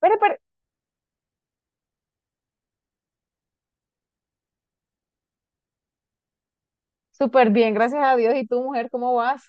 Pero, pero, Súper bien, gracias a Dios. ¿Y tú, mujer, cómo vas?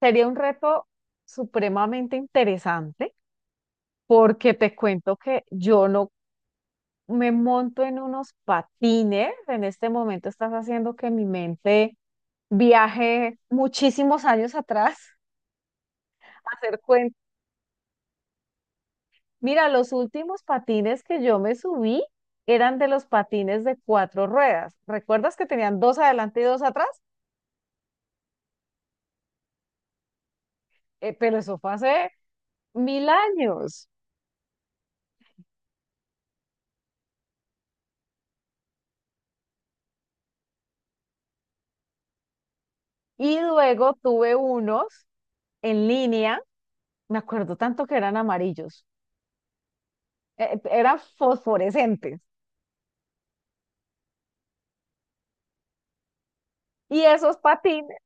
Sería un reto supremamente interesante porque te cuento que yo no me monto en unos patines. En este momento estás haciendo que mi mente viaje muchísimos años atrás. Hacer cuenta. Mira, los últimos patines que yo me subí eran de los patines de cuatro ruedas. ¿Recuerdas que tenían dos adelante y dos atrás? Pero eso fue hace 1000 años. Y luego tuve unos en línea, me acuerdo tanto que eran amarillos, eran fosforescentes. Y esos patines,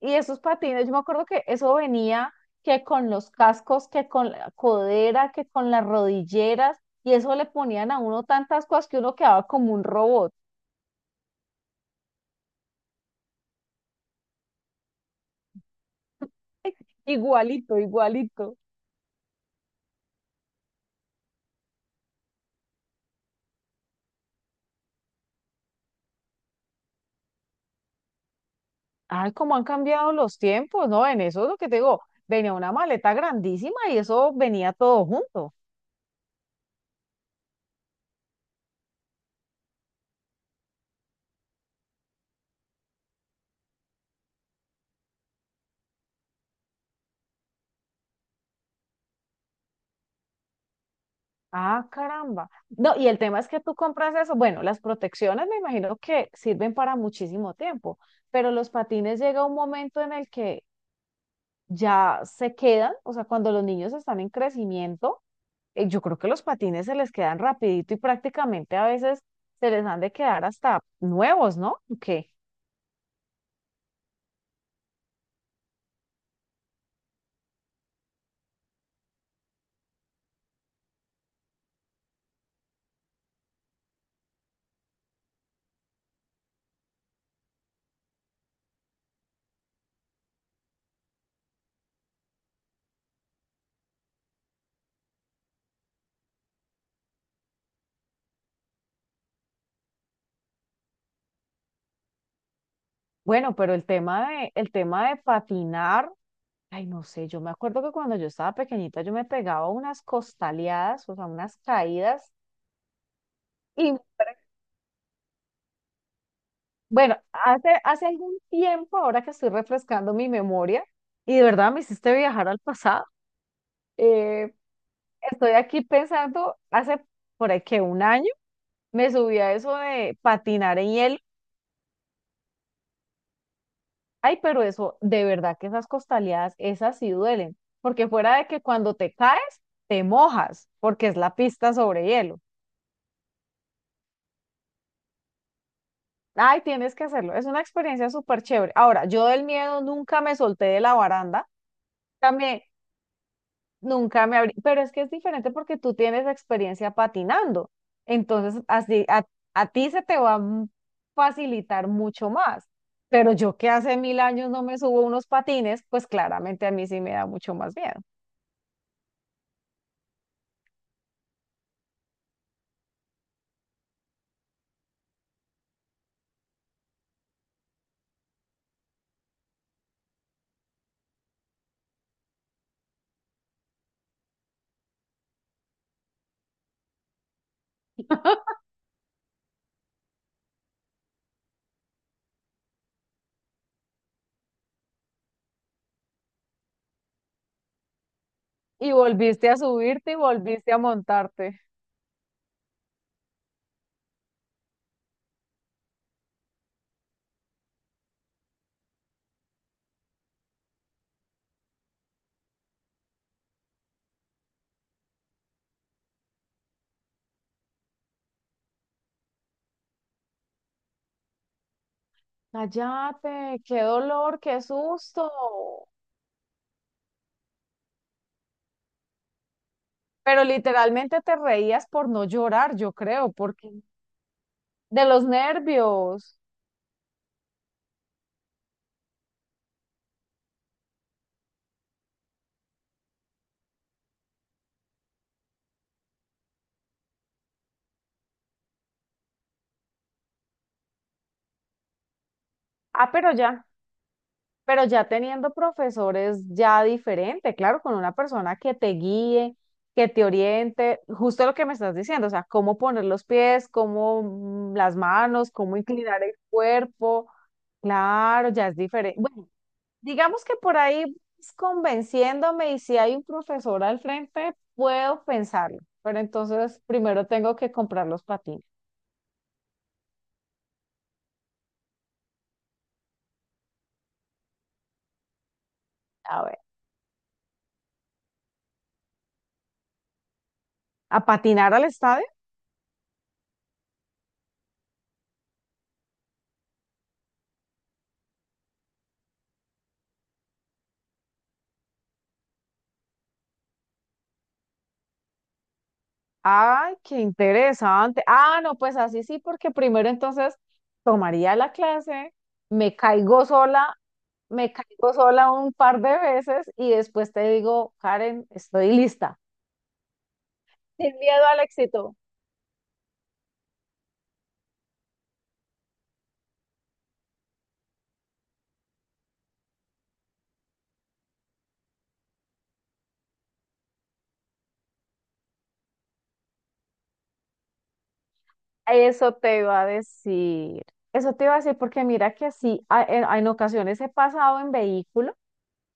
y esos patines, yo me acuerdo que eso venía que con los cascos, que con la codera, que con las rodilleras, y eso le ponían a uno tantas cosas que uno quedaba como un robot, igualito, igualito. Ay, cómo han cambiado los tiempos, ¿no? En eso es lo que te digo, venía una maleta grandísima y eso venía todo junto. Ah, caramba. No, y el tema es que tú compras eso. Bueno, las protecciones me imagino que sirven para muchísimo tiempo, pero los patines llega un momento en el que ya se quedan, o sea, cuando los niños están en crecimiento, yo creo que los patines se les quedan rapidito y prácticamente a veces se les han de quedar hasta nuevos, ¿no? Que bueno, pero el tema de patinar, ay, no sé, yo me acuerdo que cuando yo estaba pequeñita yo me pegaba unas costaleadas, o sea, unas caídas. Bueno, hace algún tiempo, ahora que estoy refrescando mi memoria, y de verdad me hiciste viajar al pasado, eh, estoy aquí pensando, hace por ahí que un año me subí a eso de patinar en hielo. Ay, pero eso, de verdad que esas costaleadas, esas sí duelen, porque fuera de que cuando te caes, te mojas, porque es la pista sobre hielo. Ay, tienes que hacerlo, es una experiencia súper chévere. Ahora, yo del miedo nunca me solté de la baranda. También. Nunca me abrí, pero es que es diferente porque tú tienes experiencia patinando. Entonces, así a ti se te va a facilitar mucho más. Pero yo que hace 1000 años no me subo unos patines, pues claramente a mí sí me da mucho más miedo. Y volviste a subirte y volviste a montarte. Cállate, qué dolor, qué susto. Pero literalmente te reías por no llorar, yo creo, porque de los nervios. Ah, pero ya. Pero ya teniendo profesores ya diferente, claro, con una persona que te guíe, que te oriente, justo lo que me estás diciendo, o sea, cómo poner los pies, cómo las manos, cómo inclinar el cuerpo, claro, ya es diferente. Bueno, digamos que por ahí es convenciéndome y si hay un profesor al frente, puedo pensarlo, pero entonces primero tengo que comprar los patines. A ver, ¿a patinar al estadio? Ay, qué interesante. Ah, no, pues así sí, porque primero entonces tomaría la clase, me caigo sola, me caigo sola un par de veces y después te digo, Karen, estoy lista. Sin miedo al éxito. Eso te iba a decir. Eso te iba a decir porque mira que sí, en ocasiones he pasado en vehículo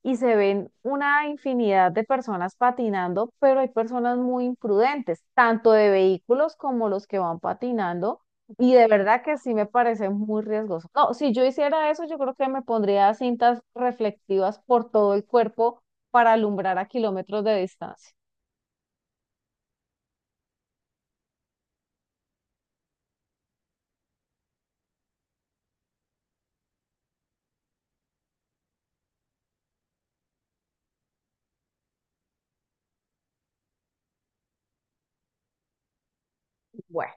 y se ven una infinidad de personas patinando, pero hay personas muy imprudentes, tanto de vehículos como los que van patinando, y de verdad que sí me parece muy riesgoso. No, si yo hiciera eso, yo creo que me pondría cintas reflectivas por todo el cuerpo para alumbrar a kilómetros de distancia. Bueno.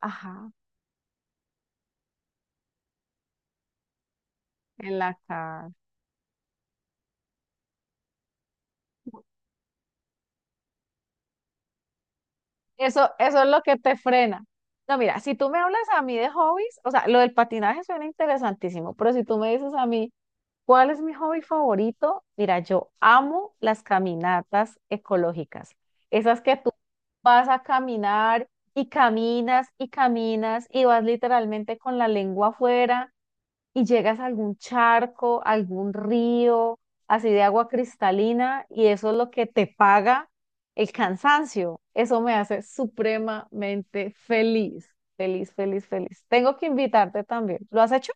Ajá, en la cara. Eso es lo que te frena. No, mira, si tú me hablas a mí de hobbies, o sea, lo del patinaje suena interesantísimo, pero si tú me dices a mí, ¿cuál es mi hobby favorito? Mira, yo amo las caminatas ecológicas. Esas que tú vas a caminar y caminas y caminas y vas literalmente con la lengua afuera y llegas a algún charco, algún río, así de agua cristalina y eso es lo que te paga el cansancio. Eso me hace supremamente feliz, feliz, feliz, feliz. Tengo que invitarte también. ¿Lo has hecho?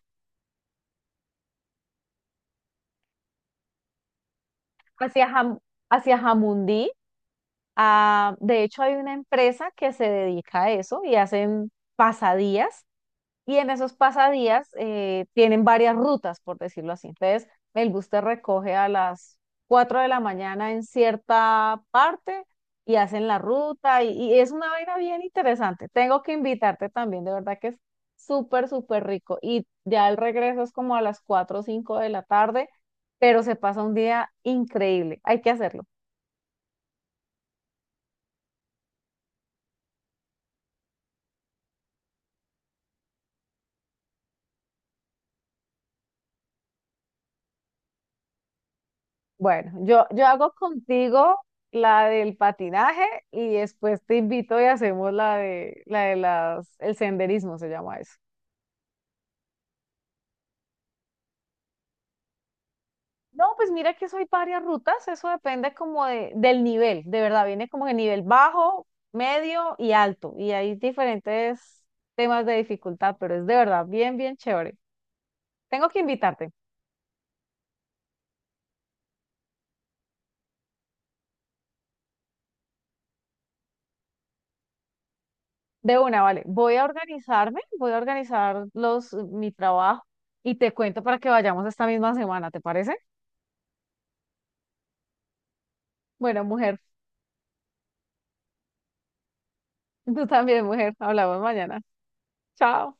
Hacia Jam- hacia Jamundí. Ah, de hecho, hay una empresa que se dedica a eso y hacen pasadías. Y en esos pasadías tienen varias rutas, por decirlo así. Entonces, el bus te recoge a las 4 de la mañana en cierta parte y hacen la ruta. Y es una vaina bien interesante. Tengo que invitarte también, de verdad que es súper, súper rico. Y ya el regreso es como a las 4 o 5 de la tarde, pero se pasa un día increíble. Hay que hacerlo. Bueno, yo hago contigo la del patinaje y después te invito y hacemos el senderismo se llama eso. No, pues mira que eso hay varias rutas, eso depende como de, del nivel, de verdad, viene como de nivel bajo, medio y alto, y hay diferentes temas de dificultad, pero es de verdad bien, bien chévere. Tengo que invitarte. De una, vale, voy a organizarme, voy a organizar los, mi trabajo y te cuento para que vayamos esta misma semana, ¿te parece? Bueno, mujer. Tú también, mujer. Hablamos mañana. Chao.